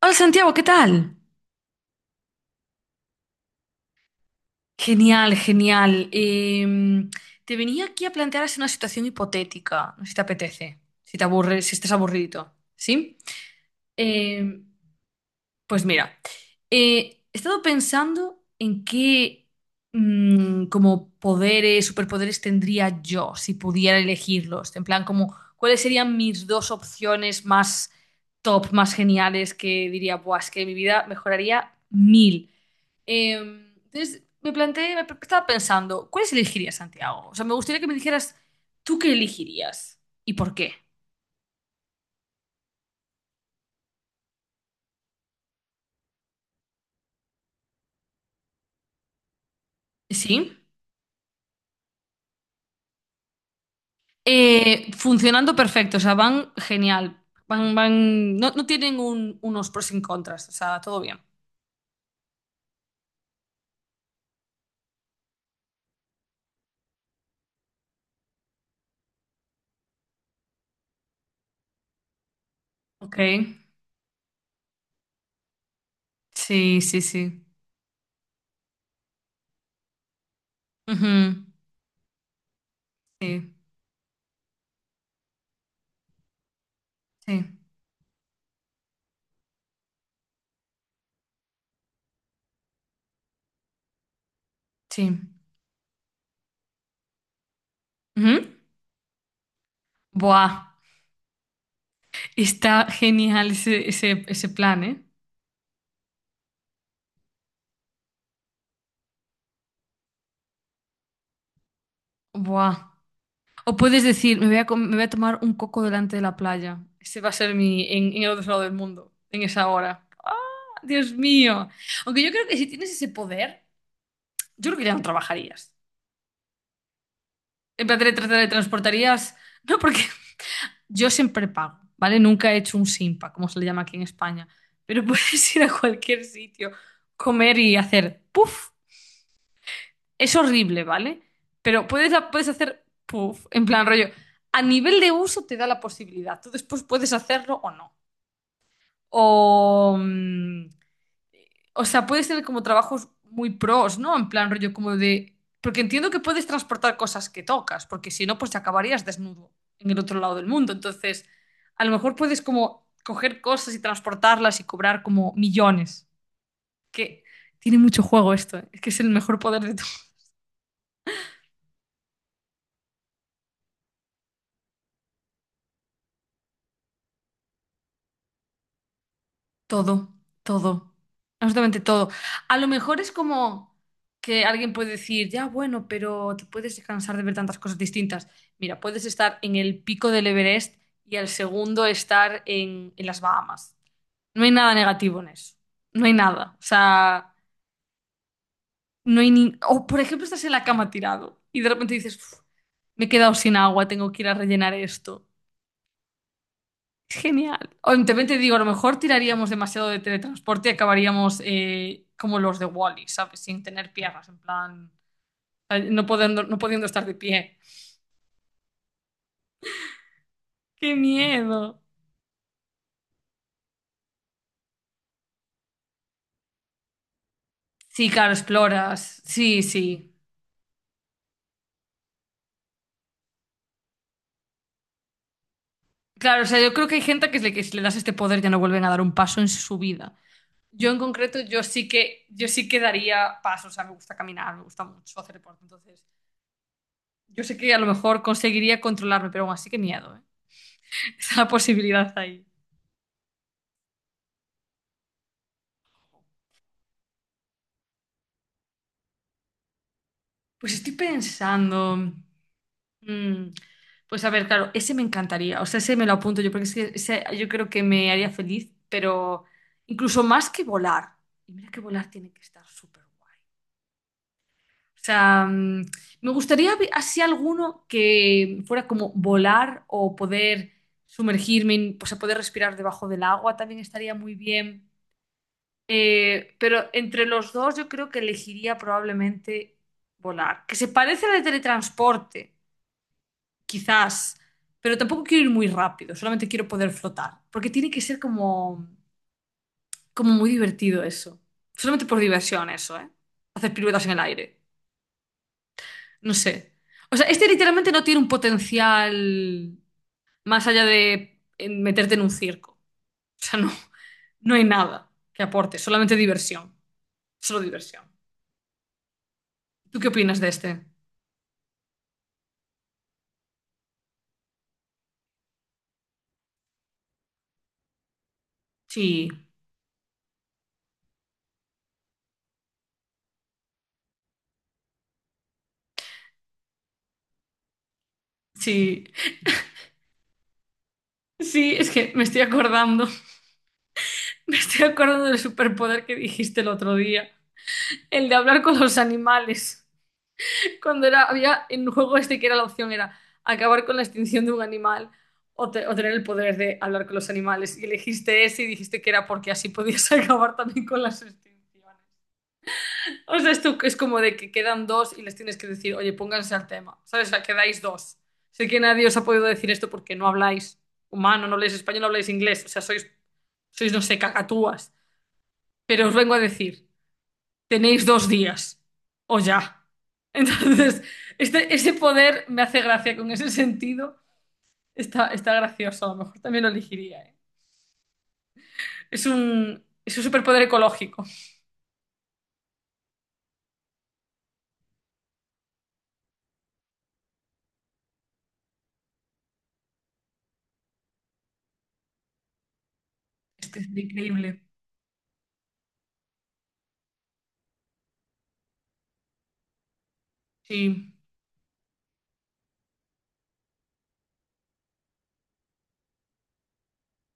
Hola Santiago, ¿qué tal? Genial, genial. Te venía aquí a plantear así una situación hipotética, no sé si te apetece, si te aburres, si estás aburrido, ¿sí? Em, pues mira, he estado pensando en qué, como poderes, superpoderes tendría yo si pudiera elegirlos. En plan, como cuáles serían mis dos opciones más top, más geniales, que diría, buah, es que mi vida mejoraría mil. Entonces me planteé, estaba pensando, ¿cuáles elegirías, Santiago? O sea, me gustaría que me dijeras, ¿tú qué elegirías? ¿Y por qué? ¿Sí? Funcionando perfecto, o sea, van genial. No, no tienen unos pros y contras, o sea, todo bien. Ok. Sí, sí, sí. Ujú. Sí, sí, sí. Ujú. Buah, está genial ese plan, ¿eh? Buah. O puedes decir, me voy a tomar un coco delante de la playa. Ese va a ser mi en el otro lado del mundo, en esa hora. ¡Ah, Dios mío! Aunque yo creo que si tienes ese poder, yo creo que ya no trabajarías. En plan, te transportarías. No, porque yo siempre pago, ¿vale? Nunca he hecho un simpa, como se le llama aquí en España. Pero puedes ir a cualquier sitio, comer y hacer puff. Es horrible, ¿vale? Pero puedes hacer puff, en plan rollo, a nivel de uso te da la posibilidad. Tú después puedes hacerlo o no. O, o sea, puedes tener como trabajos muy pros, ¿no? En plan rollo como de... Porque entiendo que puedes transportar cosas que tocas, porque si no, pues te acabarías desnudo en el otro lado del mundo. Entonces, a lo mejor puedes como coger cosas y transportarlas y cobrar como millones. Que tiene mucho juego esto, ¿eh? Es que es el mejor poder de tu... Todo, todo, absolutamente todo. A lo mejor es como que alguien puede decir, ya, bueno, pero te puedes cansar de ver tantas cosas distintas. Mira, puedes estar en el pico del Everest y al segundo estar en las Bahamas. No hay nada negativo en eso. No hay nada. O sea, no hay ni... O por ejemplo, estás en la cama tirado y de repente dices, "Uf, me he quedado sin agua, tengo que ir a rellenar esto". Genial. O también te digo, a lo mejor tiraríamos demasiado de teletransporte y acabaríamos, como los de Wall-E, ¿sabes? Sin tener piernas, en plan, no pudiendo estar de pie. ¡Qué miedo! Sí, claro, exploras. Sí, sí. Claro, o sea, yo creo que hay gente que, que si le das este poder ya no vuelven a dar un paso en su vida. Yo en concreto, yo sí que daría pasos, o sea, me gusta caminar, me gusta mucho hacer deporte, entonces yo sé que a lo mejor conseguiría controlarme, pero aún así, que miedo, ¿eh? Esa posibilidad ahí. Pues estoy pensando, mm, pues a ver, claro, ese me encantaría. O sea, ese me lo apunto yo, porque es que ese yo creo que me haría feliz, pero incluso más que volar. Y mira que volar tiene que estar súper guay. O sea, me gustaría así alguno que fuera como volar o poder sumergirme, o sea, poder respirar debajo del agua también estaría muy bien. Pero entre los dos, yo creo que elegiría probablemente volar, que se parece al de teletransporte. Quizás, pero tampoco quiero ir muy rápido, solamente quiero poder flotar, porque tiene que ser como, como muy divertido eso. Solamente por diversión eso, ¿eh? Hacer piruetas en el aire. No sé. O sea, este literalmente no tiene un potencial más allá de, meterte en un circo. O sea, no, no hay nada que aporte, solamente diversión. Solo diversión. ¿Tú qué opinas de este? Sí, sí. Sí, es que me estoy acordando. Me estoy acordando del superpoder que dijiste el otro día. El de hablar con los animales. Cuando era, había en un juego este que era la opción, era acabar con la extinción de un animal o, o tener el poder de hablar con los animales. Y elegiste ese y dijiste que era porque así podías acabar también con las extinciones. O sea, esto es como de que quedan dos y les tienes que decir, oye, pónganse al tema, ¿sabes? O sea, quedáis dos. Sé que nadie os ha podido decir esto porque no habláis humano, no habláis español, no habláis inglés, o sea, sois, no sé, cacatúas. Pero os vengo a decir, tenéis 2 días, o ya. Entonces, este, ese poder me hace gracia con ese sentido. Está gracioso, a lo mejor también lo elegiría, ¿eh? Es un superpoder ecológico. Este es increíble. Sí.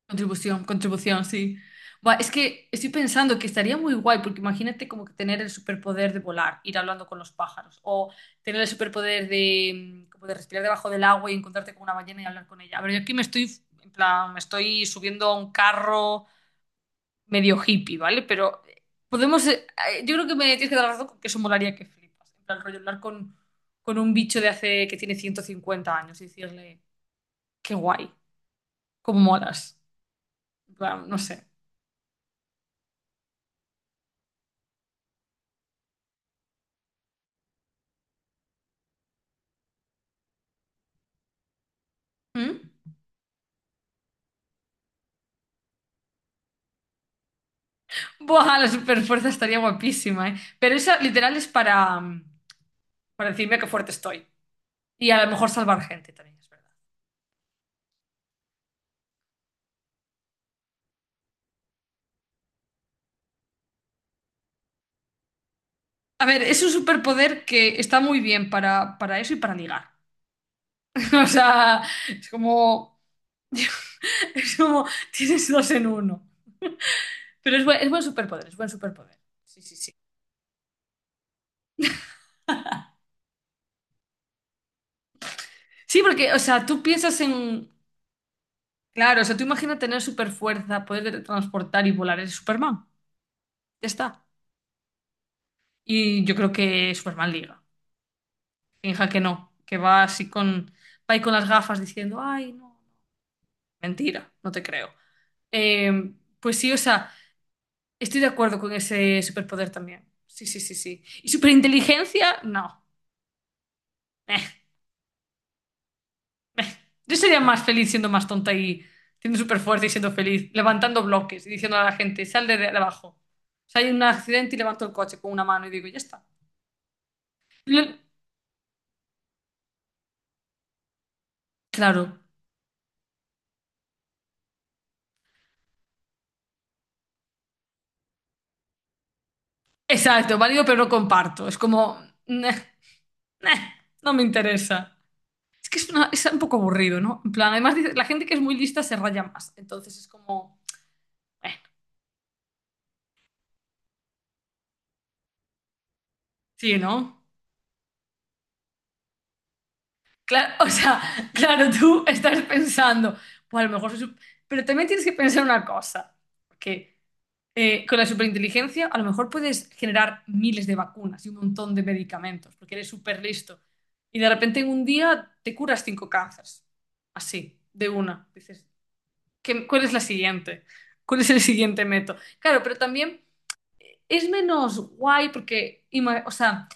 Contribución, contribución, sí. Buah, es que estoy pensando que estaría muy guay, porque imagínate como que tener el superpoder de volar, ir hablando con los pájaros, o tener el superpoder de, como de respirar debajo del agua y encontrarte con una ballena y hablar con ella. A ver, yo aquí me estoy, en plan, me estoy subiendo a un carro medio hippie, ¿vale? Pero, podemos, yo creo que me tienes que dar la razón con que eso molaría que flipas. En plan, rollo, con un bicho de hace, que tiene 150 años y decirle, qué guay, cómo molas. En plan, no sé. ¿Mm? Buah, la superfuerza estaría guapísima, ¿eh? Pero esa literal es para, para decirme qué fuerte estoy. Y a lo mejor salvar gente también, es verdad. A ver, es un superpoder que está muy bien para eso y para ligar. O sea, es como, es como, tienes dos en uno. Pero es buen superpoder, es buen superpoder. Sí, sí, sí. Sí, porque, o sea, tú piensas en, claro, o sea, tú imaginas tener superfuerza, poder transportar y volar, eres Superman. Ya está. Y yo creo que Superman liga. Finja que no, que va así con, va ahí con las gafas diciendo, ay, no, no, mentira, no te creo. Eh, pues sí, o sea, estoy de acuerdo con ese superpoder también. Sí, sí, sí, sí. ¿Y superinteligencia? No. Eh, eh. Yo sería más feliz siendo más tonta y siendo súper fuerte y siendo feliz, levantando bloques y diciendo a la gente, sal de abajo. O sea, hay un accidente y levanto el coche con una mano y digo, ya está. Lo- Claro, exacto, válido, pero no comparto. Es como, "Neh, neh, no me interesa". Es que es, es un poco aburrido, ¿no? En plan, además dice, la gente que es muy lista se raya más. Entonces es como, eh, sí, ¿no? Claro, o sea, claro, tú estás pensando, pues a lo mejor pero también tienes que pensar una cosa, que, con la superinteligencia a lo mejor puedes generar miles de vacunas y un montón de medicamentos, porque eres súper listo. Y de repente en un día te curas cinco cánceres. Así, de una. Dices, ¿cuál es la siguiente? ¿Cuál es el siguiente método? Claro, pero también es menos guay porque, o sea,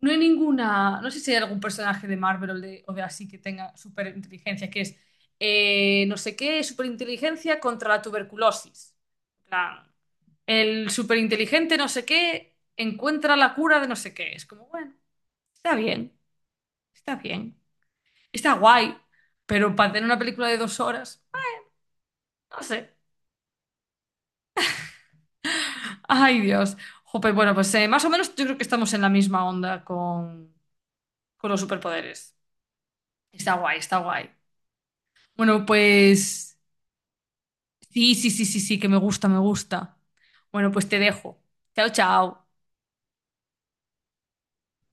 no hay ninguna, no sé si hay algún personaje de Marvel o de, así que tenga superinteligencia, que es, no sé qué, superinteligencia contra la tuberculosis. En plan, el superinteligente no sé qué encuentra la cura de no sé qué. Es como, bueno, está bien, está bien, está guay, pero para tener una película de 2 horas, no sé. Ay, Dios. Jope, bueno, pues, más o menos yo creo que estamos en la misma onda con, los superpoderes. Está guay, está guay. Bueno, pues sí, sí, sí, sí, sí, que me gusta, me gusta. Bueno, pues te dejo. Chao, chao.